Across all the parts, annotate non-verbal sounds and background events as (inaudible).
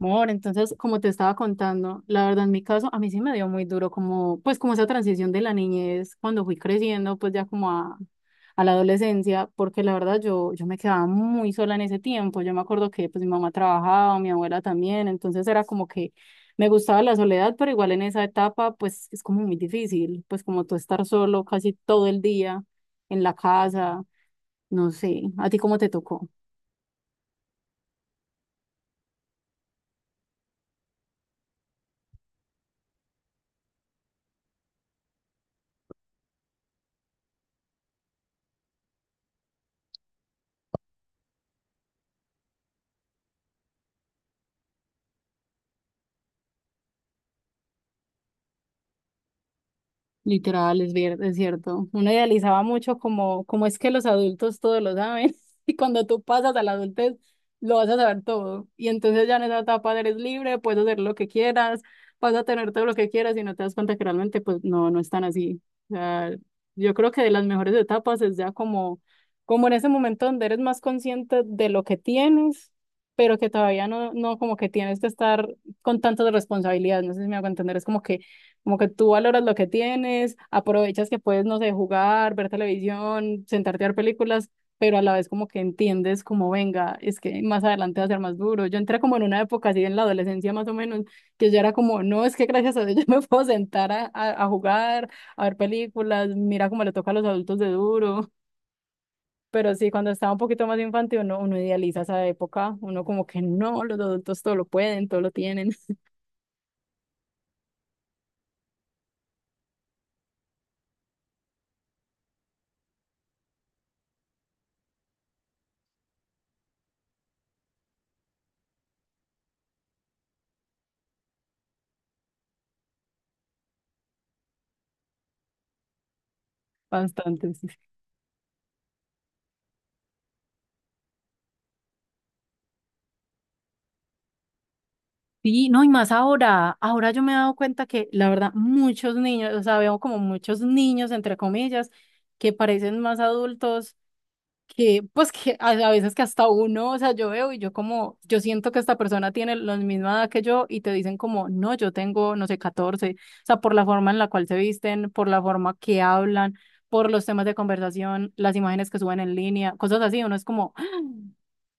Amor, entonces, como te estaba contando, la verdad en mi caso, a mí sí me dio muy duro como, pues como esa transición de la niñez cuando fui creciendo, pues ya como a la adolescencia, porque la verdad yo me quedaba muy sola en ese tiempo, yo me acuerdo que pues mi mamá trabajaba, mi abuela también, entonces era como que me gustaba la soledad, pero igual en esa etapa pues es como muy difícil, pues como tú estar solo casi todo el día en la casa, no sé, ¿a ti cómo te tocó? Literal, es cierto. Uno idealizaba mucho como es que los adultos todo lo saben (laughs) y cuando tú pasas a la adultez lo vas a saber todo. Y entonces ya en esa etapa eres libre, puedes hacer lo que quieras, vas a tener todo lo que quieras y no te das cuenta que realmente pues no, no es tan así. O sea, yo creo que de las mejores etapas es ya como, como en ese momento donde eres más consciente de lo que tienes, pero que todavía no como que tienes que estar con tantas responsabilidades. No sé si me hago entender, es como que tú valoras lo que tienes, aprovechas que puedes, no sé, jugar, ver televisión, sentarte a ver películas, pero a la vez como que entiendes como venga, es que más adelante va a ser más duro. Yo entré como en una época así en la adolescencia más o menos, que yo era como, no, es que gracias a Dios (laughs) yo me puedo sentar a, a jugar, a ver películas, mira cómo le toca a los adultos de duro. Pero sí, cuando estaba un poquito más infantil, uno idealiza esa época, uno como que no, los adultos todo lo pueden, todo lo tienen. (laughs) Bastante. Sí. Sí, no, y más ahora, ahora yo me he dado cuenta que la verdad muchos niños, o sea, veo como muchos niños, entre comillas, que parecen más adultos, que pues que a veces que hasta uno, o sea, yo veo y yo como, yo siento que esta persona tiene la misma edad que yo y te dicen como, no, yo tengo, no sé, 14, o sea, por la forma en la cual se visten, por la forma que hablan, por los temas de conversación, las imágenes que suben en línea, cosas así, uno es como...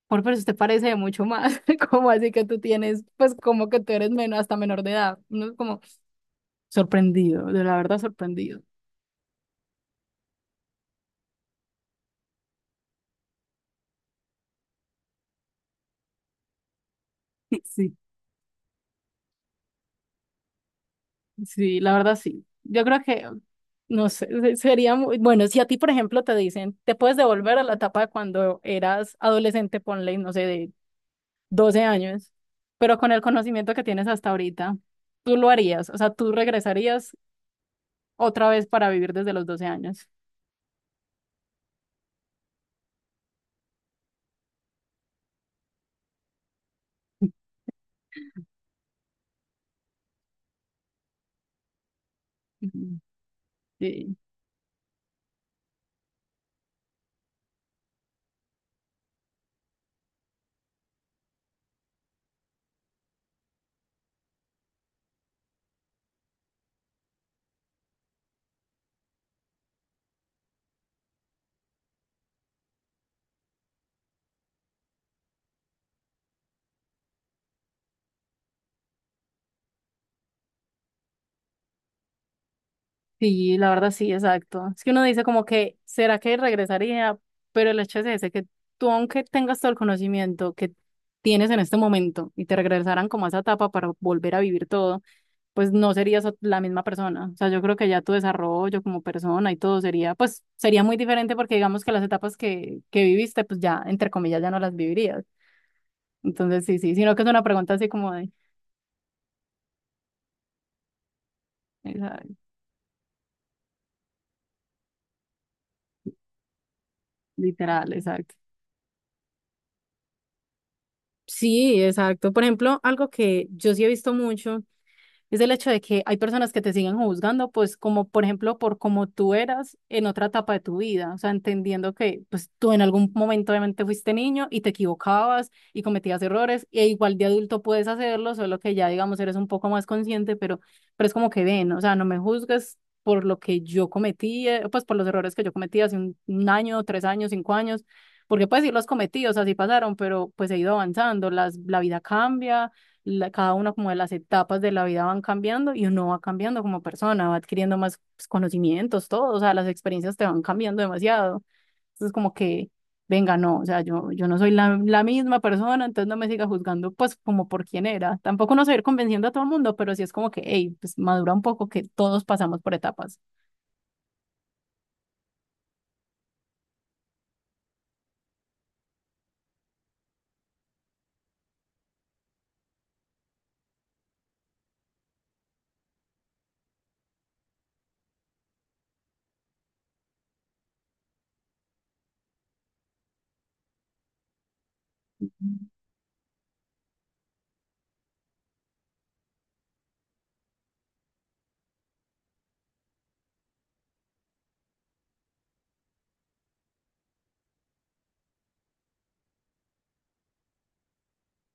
Por pero usted parece de mucho más. (laughs) ¿Cómo así que tú tienes, pues como que tú eres menos, hasta menor de edad? Uno es como sorprendido, de la verdad sorprendido. (laughs) Sí. Sí, la verdad sí. Yo creo que, no sé, sería muy, bueno, si a ti, por ejemplo, te dicen, te puedes devolver a la etapa de cuando eras adolescente, ponle, no sé, de 12 años, pero con el conocimiento que tienes hasta ahorita, tú lo harías, o sea, tú regresarías otra vez para vivir desde los 12 años. (laughs) Sí. Sí, la verdad sí, exacto. Es que uno dice como que, ¿será que regresaría? Pero el hecho es ese, que tú aunque tengas todo el conocimiento que tienes en este momento y te regresaran como a esa etapa para volver a vivir todo, pues no serías la misma persona. O sea, yo creo que ya tu desarrollo como persona y todo sería, pues sería muy diferente porque digamos que las etapas que viviste, pues ya, entre comillas, ya no las vivirías. Entonces sí, sí, sino que es una pregunta así como de, esa- literal, exacto. Sí, exacto. Por ejemplo, algo que yo sí he visto mucho es el hecho de que hay personas que te siguen juzgando, pues como por ejemplo por cómo tú eras en otra etapa de tu vida, o sea, entendiendo que pues tú en algún momento obviamente fuiste niño y te equivocabas y cometías errores, e igual de adulto puedes hacerlo, solo que ya digamos eres un poco más consciente, pero es como que ven, o sea, no me juzgues por lo que yo cometí, pues por los errores que yo cometí hace un año, 3 años, 5 años, porque pues sí los cometí, o sea, sí pasaron, pero pues he ido avanzando, la vida cambia cada una como de las etapas de la vida van cambiando y uno va cambiando como persona, va adquiriendo más pues, conocimientos, todo, o sea, las experiencias te van cambiando demasiado. Entonces, como que, venga, no, o sea, yo no soy la misma persona, entonces no me siga juzgando, pues, como por quién era. Tampoco no soy ir convenciendo a todo el mundo, pero sí es como que, hey, pues madura un poco que todos pasamos por etapas.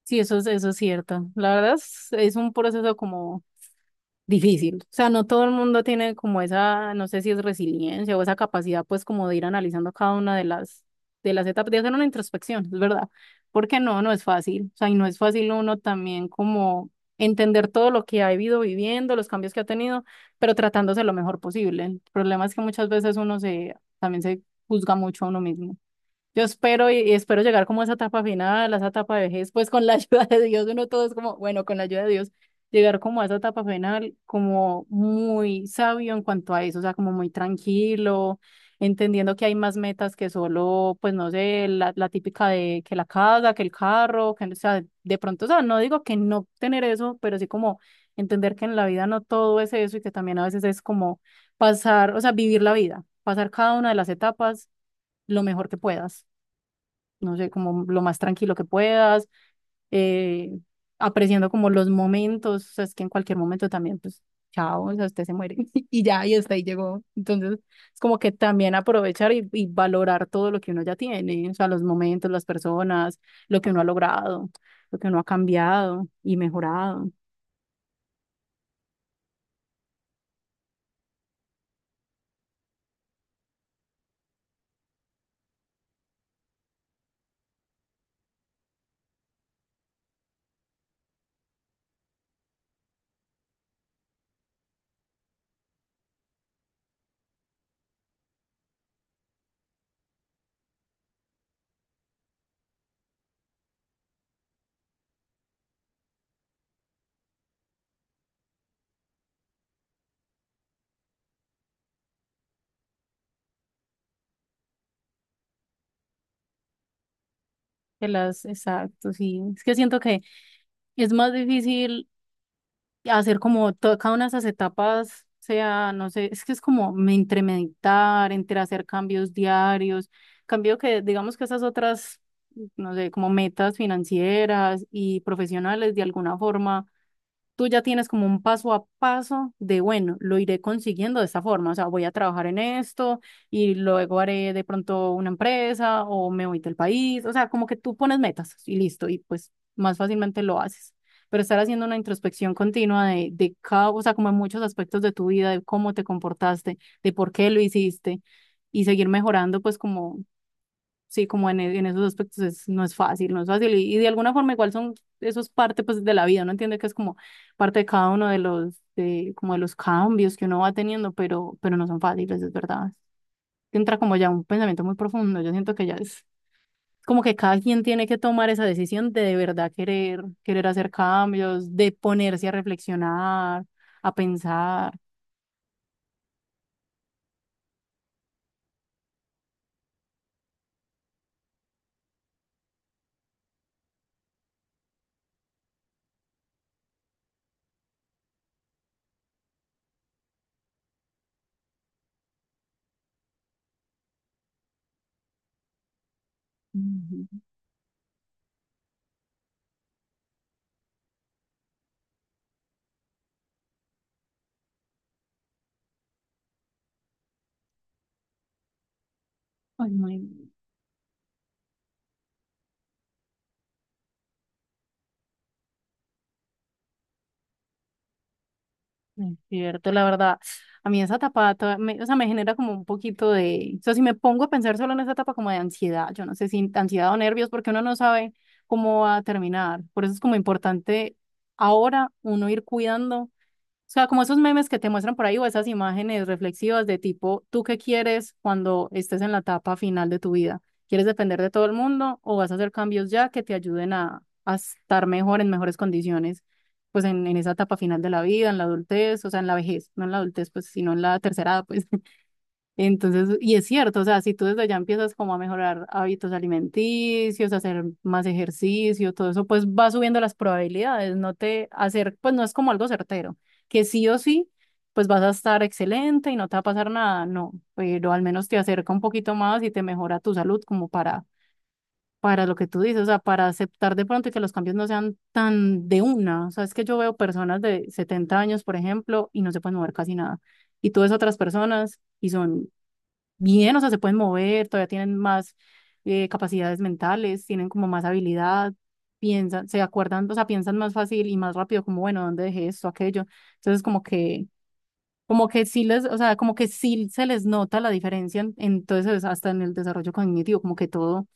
Sí, eso es cierto. La verdad es un proceso como difícil. O sea, no todo el mundo tiene como esa, no sé si es resiliencia o esa capacidad, pues, como de ir analizando cada una de las etapas, de hacer una introspección, es verdad. Porque no, no es fácil. O sea, y no es fácil uno también como entender todo lo que ha ido viviendo, los cambios que ha tenido, pero tratándose lo mejor posible. El problema es que muchas veces también se juzga mucho a uno mismo. Yo espero y espero llegar como a esa etapa final, a esa etapa de vejez, pues con la (laughs) ayuda de Dios, uno todo es como, bueno, con la ayuda de Dios, llegar como a esa etapa final como muy sabio en cuanto a eso, o sea, como muy tranquilo, entendiendo que hay más metas que solo, pues no sé, la típica de que la casa, que el carro, que, o sea, de pronto, o sea, no digo que no tener eso, pero sí como entender que en la vida no todo es eso y que también a veces es como pasar, o sea, vivir la vida, pasar cada una de las etapas lo mejor que puedas, no sé, como lo más tranquilo que puedas, eh, apreciando como los momentos, o sea, es que en cualquier momento también, pues, chao, o sea, usted se muere (laughs) y ya, y hasta ahí llegó. Entonces, es como que también aprovechar y valorar todo lo que uno ya tiene, o sea, los momentos, las personas, lo que uno ha logrado, lo que uno ha cambiado y mejorado. Que las, exacto, sí. Es que siento que es más difícil hacer como cada una de esas etapas sea, no sé, es que es como entre meditar, entre hacer cambios diarios, cambio que digamos que esas otras, no sé, como metas financieras y profesionales de alguna forma tú ya tienes como un paso a paso de, bueno, lo iré consiguiendo de esta forma, o sea, voy a trabajar en esto y luego haré de pronto una empresa o me voy del país, o sea, como que tú pones metas y listo, y pues más fácilmente lo haces. Pero estar haciendo una introspección continua de cada, o sea, como en muchos aspectos de tu vida, de cómo te comportaste, de por qué lo hiciste y seguir mejorando, pues como sí, como en, en esos aspectos es, no es fácil, no es fácil. Y de alguna forma igual son, eso es parte pues de la vida, uno entiende que es como parte de cada uno de los, de, como de los cambios que uno va teniendo, pero no son fáciles, es verdad. Entra como ya un pensamiento muy profundo, yo siento que ya es como que cada quien tiene que tomar esa decisión de verdad querer, querer hacer cambios, de ponerse a reflexionar, a pensar. Ujú. Ay, muy es cierto, la verdad, a mí esa etapa, o sea, me genera como un poquito de, o sea, si me pongo a pensar solo en esa etapa como de ansiedad, yo no sé si ansiedad o nervios, porque uno no sabe cómo va a terminar. Por eso es como importante ahora uno ir cuidando. O sea, como esos memes que te muestran por ahí o esas imágenes reflexivas de tipo, ¿tú qué quieres cuando estés en la etapa final de tu vida? ¿Quieres depender de todo el mundo o vas a hacer cambios ya que te ayuden a, estar mejor, en mejores condiciones, pues en, esa etapa final de la vida, en la adultez, o sea, en la vejez, no en la adultez, pues, sino en la tercera edad, pues. Entonces, y es cierto, o sea, si tú desde ya empiezas como a mejorar hábitos alimenticios, hacer más ejercicio, todo eso, pues va subiendo las probabilidades, no te hacer, pues no es como algo certero, que sí o sí, pues vas a estar excelente y no te va a pasar nada, no, pero al menos te acerca un poquito más y te mejora tu salud como para lo que tú dices, o sea, para aceptar de pronto y que los cambios no sean tan de una, o sea, es que yo veo personas de 70 años, por ejemplo, y no se pueden mover casi nada, y tú ves otras personas y son bien, o sea, se pueden mover, todavía tienen más, capacidades mentales, tienen como más habilidad, piensan, se acuerdan, o sea, piensan más fácil y más rápido, como, bueno, ¿dónde dejé esto, aquello? Entonces, como que sí les, o sea, como que sí se les nota la diferencia, entonces, hasta en el desarrollo cognitivo, como que todo,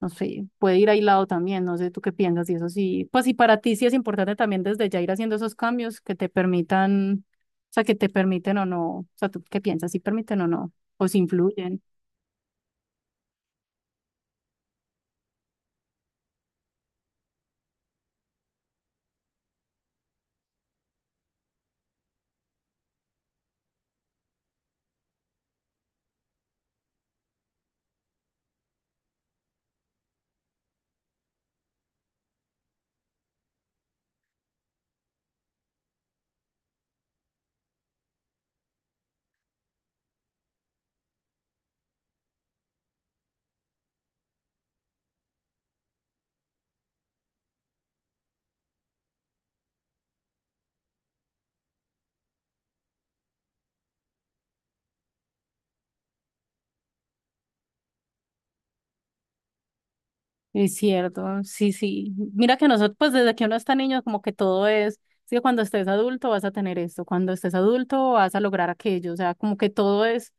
no sé, puede ir aislado también, no sé, tú qué piensas, y eso sí, pues, y para ti sí es importante también desde ya ir haciendo esos cambios que te permitan, o sea, que te permiten o no, o sea, ¿tú qué piensas? ¿Si permiten o no? ¿O si influyen? Es cierto, sí, sí. Mira que nosotros, pues desde que uno está niño, como que todo es, sí, cuando estés adulto vas a tener esto, cuando estés adulto vas a lograr aquello, o sea, como que todo es,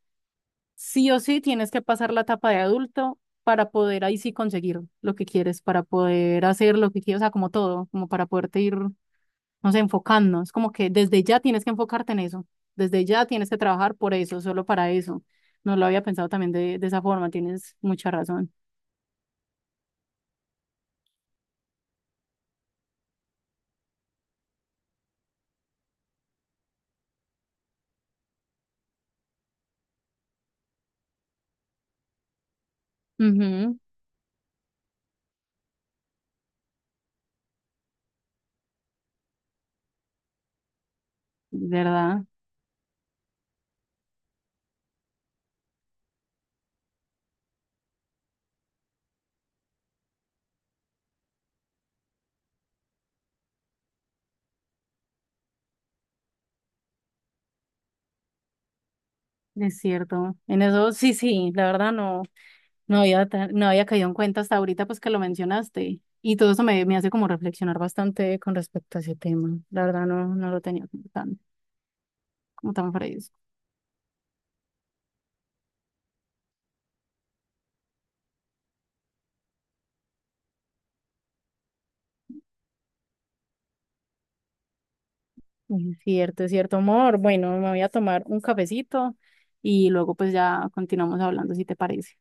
sí o sí, tienes que pasar la etapa de adulto para poder ahí sí conseguir lo que quieres, para poder hacer lo que quieres, o sea, como todo, como para poderte ir, no sé, enfocando. Es como que desde ya tienes que enfocarte en eso, desde ya tienes que trabajar por eso, solo para eso. No lo había pensado también de esa forma, tienes mucha razón. Ujú, ¿verdad? Es cierto, en eso sí, sí, la verdad no, no había, no había caído en cuenta hasta ahorita pues que lo mencionaste y todo eso me hace como reflexionar bastante con respecto a ese tema, la verdad no, no lo tenía como tan fresco. Es cierto, amor, bueno, me voy a tomar un cafecito y luego pues ya continuamos hablando si te parece.